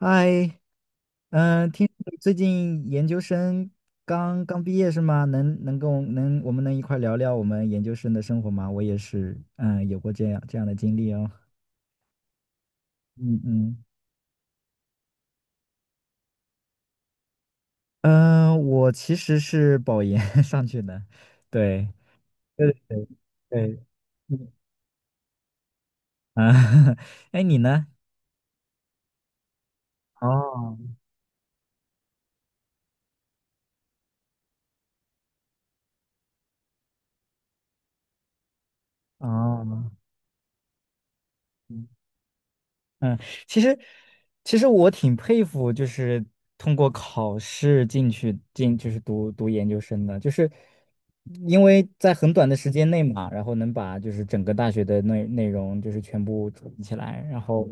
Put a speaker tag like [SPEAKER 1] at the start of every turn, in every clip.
[SPEAKER 1] 嗨，听说你最近研究生刚刚毕业是吗？能一块儿聊聊我们研究生的生活吗？我也是，有过这样的经历哦。嗯嗯。我其实是保研 上去的，对对。啊，哎，你呢？哦哦。嗯，其实其实我挺佩服，就是通过考试进就是读研究生的，就是因为在很短的时间内嘛，然后能把就是整个大学的内容就是全部统一起来，然后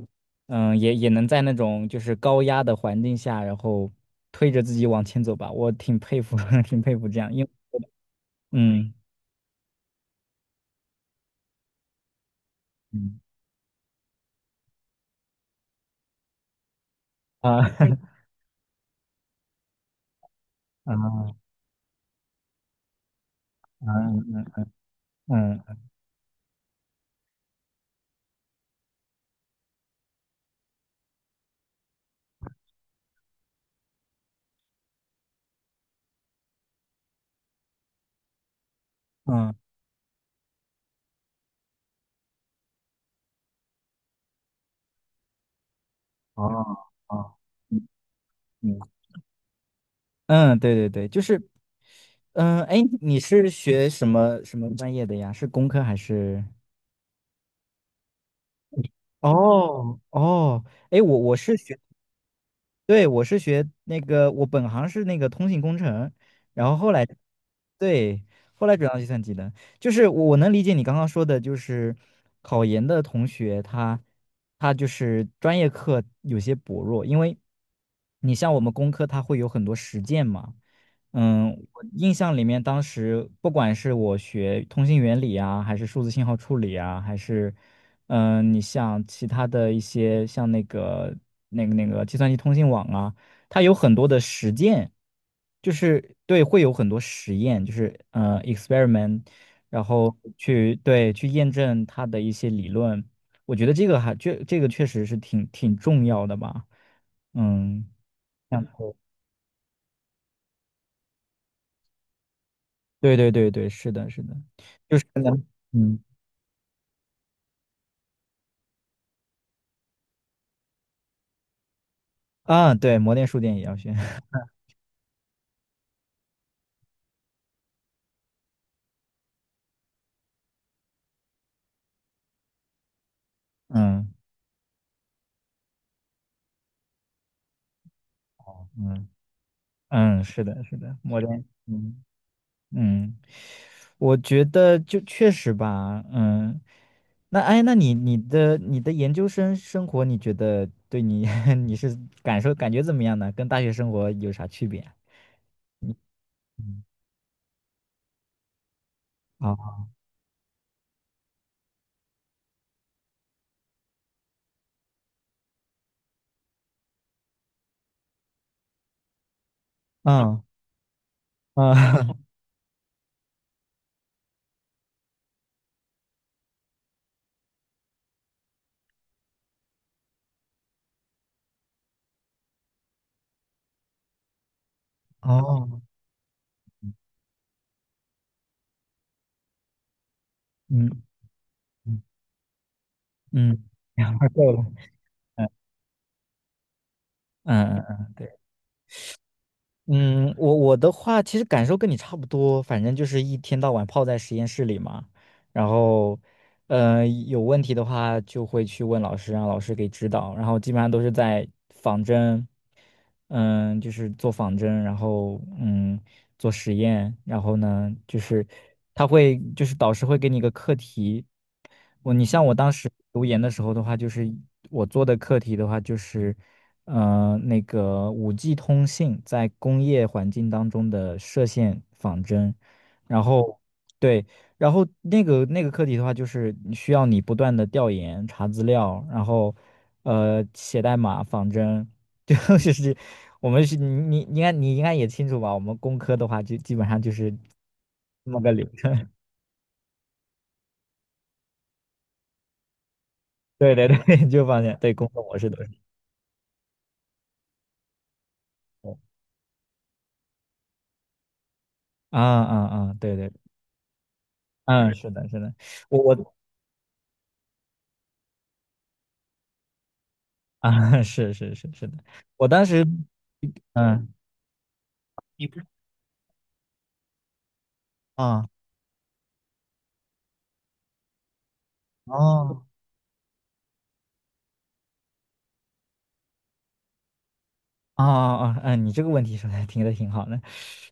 [SPEAKER 1] 也能在那种就是高压的环境下，然后推着自己往前走吧，我挺佩服，挺佩服这样，因为嗯。嗯。啊 啊啊。嗯。嗯。嗯。哦哦。嗯嗯，对对对，就是，哎，你是学什么专业的呀？是工科还是？哦哦，哎，我是学，对，我是学那个，我本行是那个通信工程，然后后来，对，后来转到计算机的，就是我能理解你刚刚说的，就是考研的同学他就是专业课有些薄弱，因为你像我们工科，它会有很多实践嘛。我印象里面，当时不管是我学通信原理啊，还是数字信号处理啊，还是，你像其他的一些像那个计算机通信网啊，它有很多的实践，就是对，会有很多实验，就是 experiment，然后去验证它的一些理论。我觉得这个还这这个确实是挺重要的吧，嗯。像对对对对，是的，是的，就是呢，嗯。啊，对，模电数电也要学，嗯嗯嗯，是的，是的，模电，嗯。嗯，我觉得就确实吧，那哎，那你你的研究生生活，你觉得对你 你是感觉怎么样呢？跟大学生活有啥区别啊？嗯。啊。嗯。啊 哦。嗯。嗯。嗯，够了，嗯嗯嗯，对。嗯，我的话其实感受跟你差不多，反正就是一天到晚泡在实验室里嘛，然后，有问题的话就会去问老师，让老师给指导。然后基本上都是在仿真，就是做仿真，然后做实验，然后呢就是就是导师会给你一个课题。你像我当时读研的时候的话，就是我做的课题的话就是那个五 g 通信在工业环境当中的射线仿真，然后。对。然后那个课题的话，就是你需要你不断的调研、查资料，然后写代码、仿真，就是我们是你应该也清楚吧？我们工科的话，就基本上就是这么个流程。对对对，就放现对工作模式都是这样。啊啊啊，对对，嗯，是的，是的，我我。啊，是是是是的，我当时嗯，你不啊。哦。啊啊！你这个问题说的挺好的。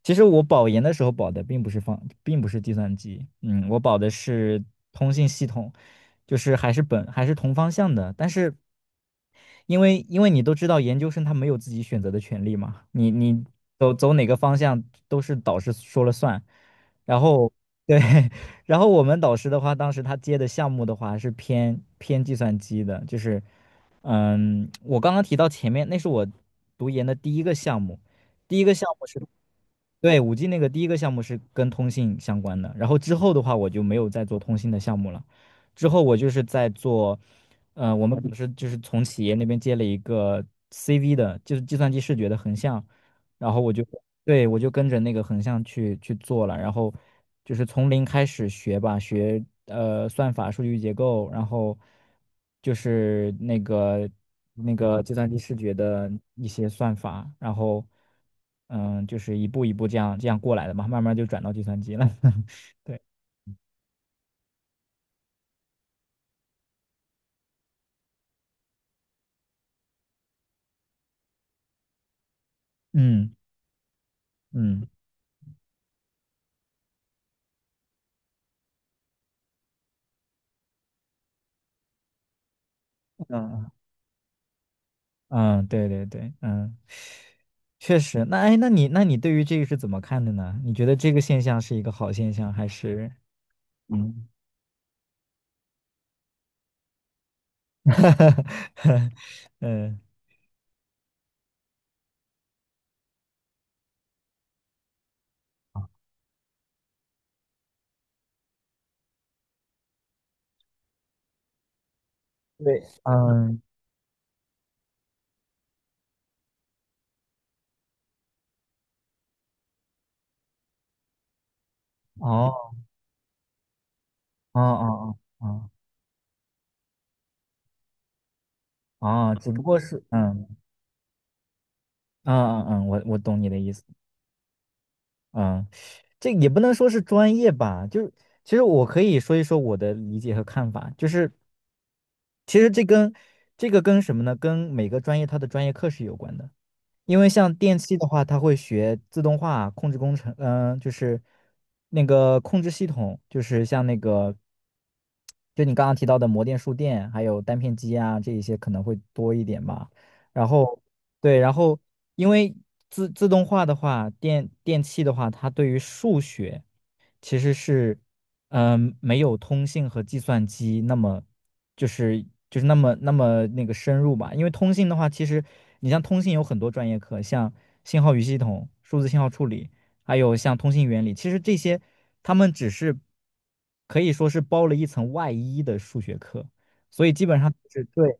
[SPEAKER 1] 其实我保研的时候保的并不是并不是计算机，嗯，我保的是通信系统，就是还是同方向的。但是因为你都知道，研究生他没有自己选择的权利嘛，你走哪个方向都是导师说了算。然后对，然后我们导师的话，当时他接的项目的话是偏计算机的，就是。嗯，我刚刚提到前面，那是我读研的第一个项目，第一个项目是，对，五 G 那个第一个项目是跟通信相关的，然后之后的话我就没有再做通信的项目了，之后我就是在做，呃，我们不是就是从企业那边接了一个 CV 的，就是计算机视觉的横向，然后我就。对，我就跟着那个横向去做了，然后就是从零开始学吧，学算法、数据结构，然后就是那个计算机视觉的一些算法，然后嗯，就是一步一步这样过来的嘛，慢慢就转到计算机了。对，嗯嗯嗯嗯，对对对，嗯，确实。那哎，那你那你对于这个是怎么看的呢？你觉得这个现象是一个好现象，还是嗯？哈哈哈，嗯对，嗯，哦哦哦哦哦哦，只不过是嗯。嗯嗯嗯，我懂你的意思，嗯，这也不能说是专业吧，就是其实我可以说一说我的理解和看法，就是其实这跟这个跟什么呢？跟每个专业它的专业课是有关的。因为像电器的话，它会学自动化控制工程，就是那个控制系统，就是像那个，就你刚刚提到的模电、数电，还有单片机啊，这一些可能会多一点吧。然后，对，然后因为自动化的话，电器的话，它对于数学其实是。嗯，没有通信和计算机那么，就是就是那么那个深入吧。因为通信的话，其实你像通信有很多专业课，像信号与系统、数字信号处理，还有像通信原理，其实这些他们只是可以说是包了一层外衣的数学课，所以基本上是对。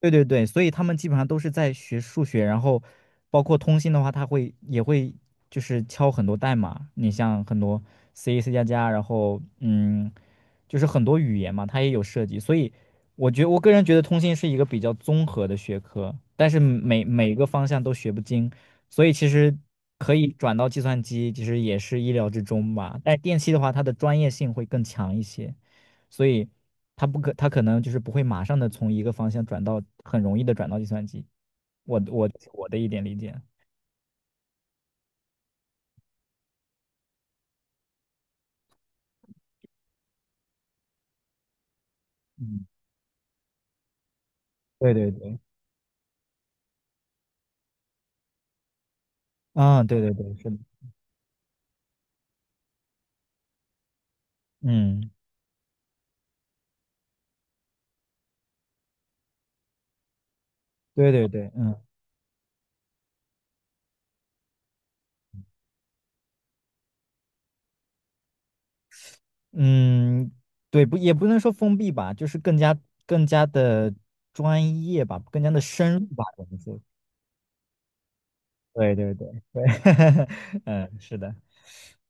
[SPEAKER 1] 对对对，所以他们基本上都是在学数学，然后包括通信的话，也会就是敲很多代码。你像很多 C、C++，然后嗯，就是很多语言嘛，它也有涉及。所以我个人觉得通信是一个比较综合的学科，但是每个方向都学不精，所以其实可以转到计算机，其实也是意料之中吧。但电气的话，它的专业性会更强一些。所以他可能就是不会马上的从一个方向转到，很容易的转到计算机。我我的一点理解。嗯，对对对，啊，对对对，是的，嗯，对对对，嗯嗯，对，不也不能说封闭吧，就是更加的专业吧，更加的深入吧，我们说。对对对对，嗯，是的，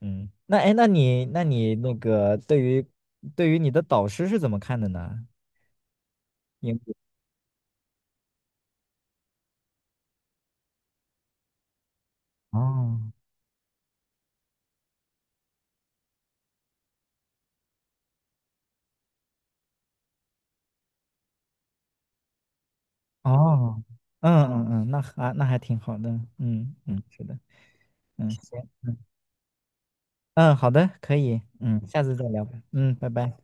[SPEAKER 1] 嗯，那哎，那你那你那个对于你的导师是怎么看的呢？英语哦哦，嗯嗯嗯，那还挺好的，嗯嗯，是的，嗯行，嗯嗯，好的，可以，嗯，下次再聊吧，嗯，拜拜。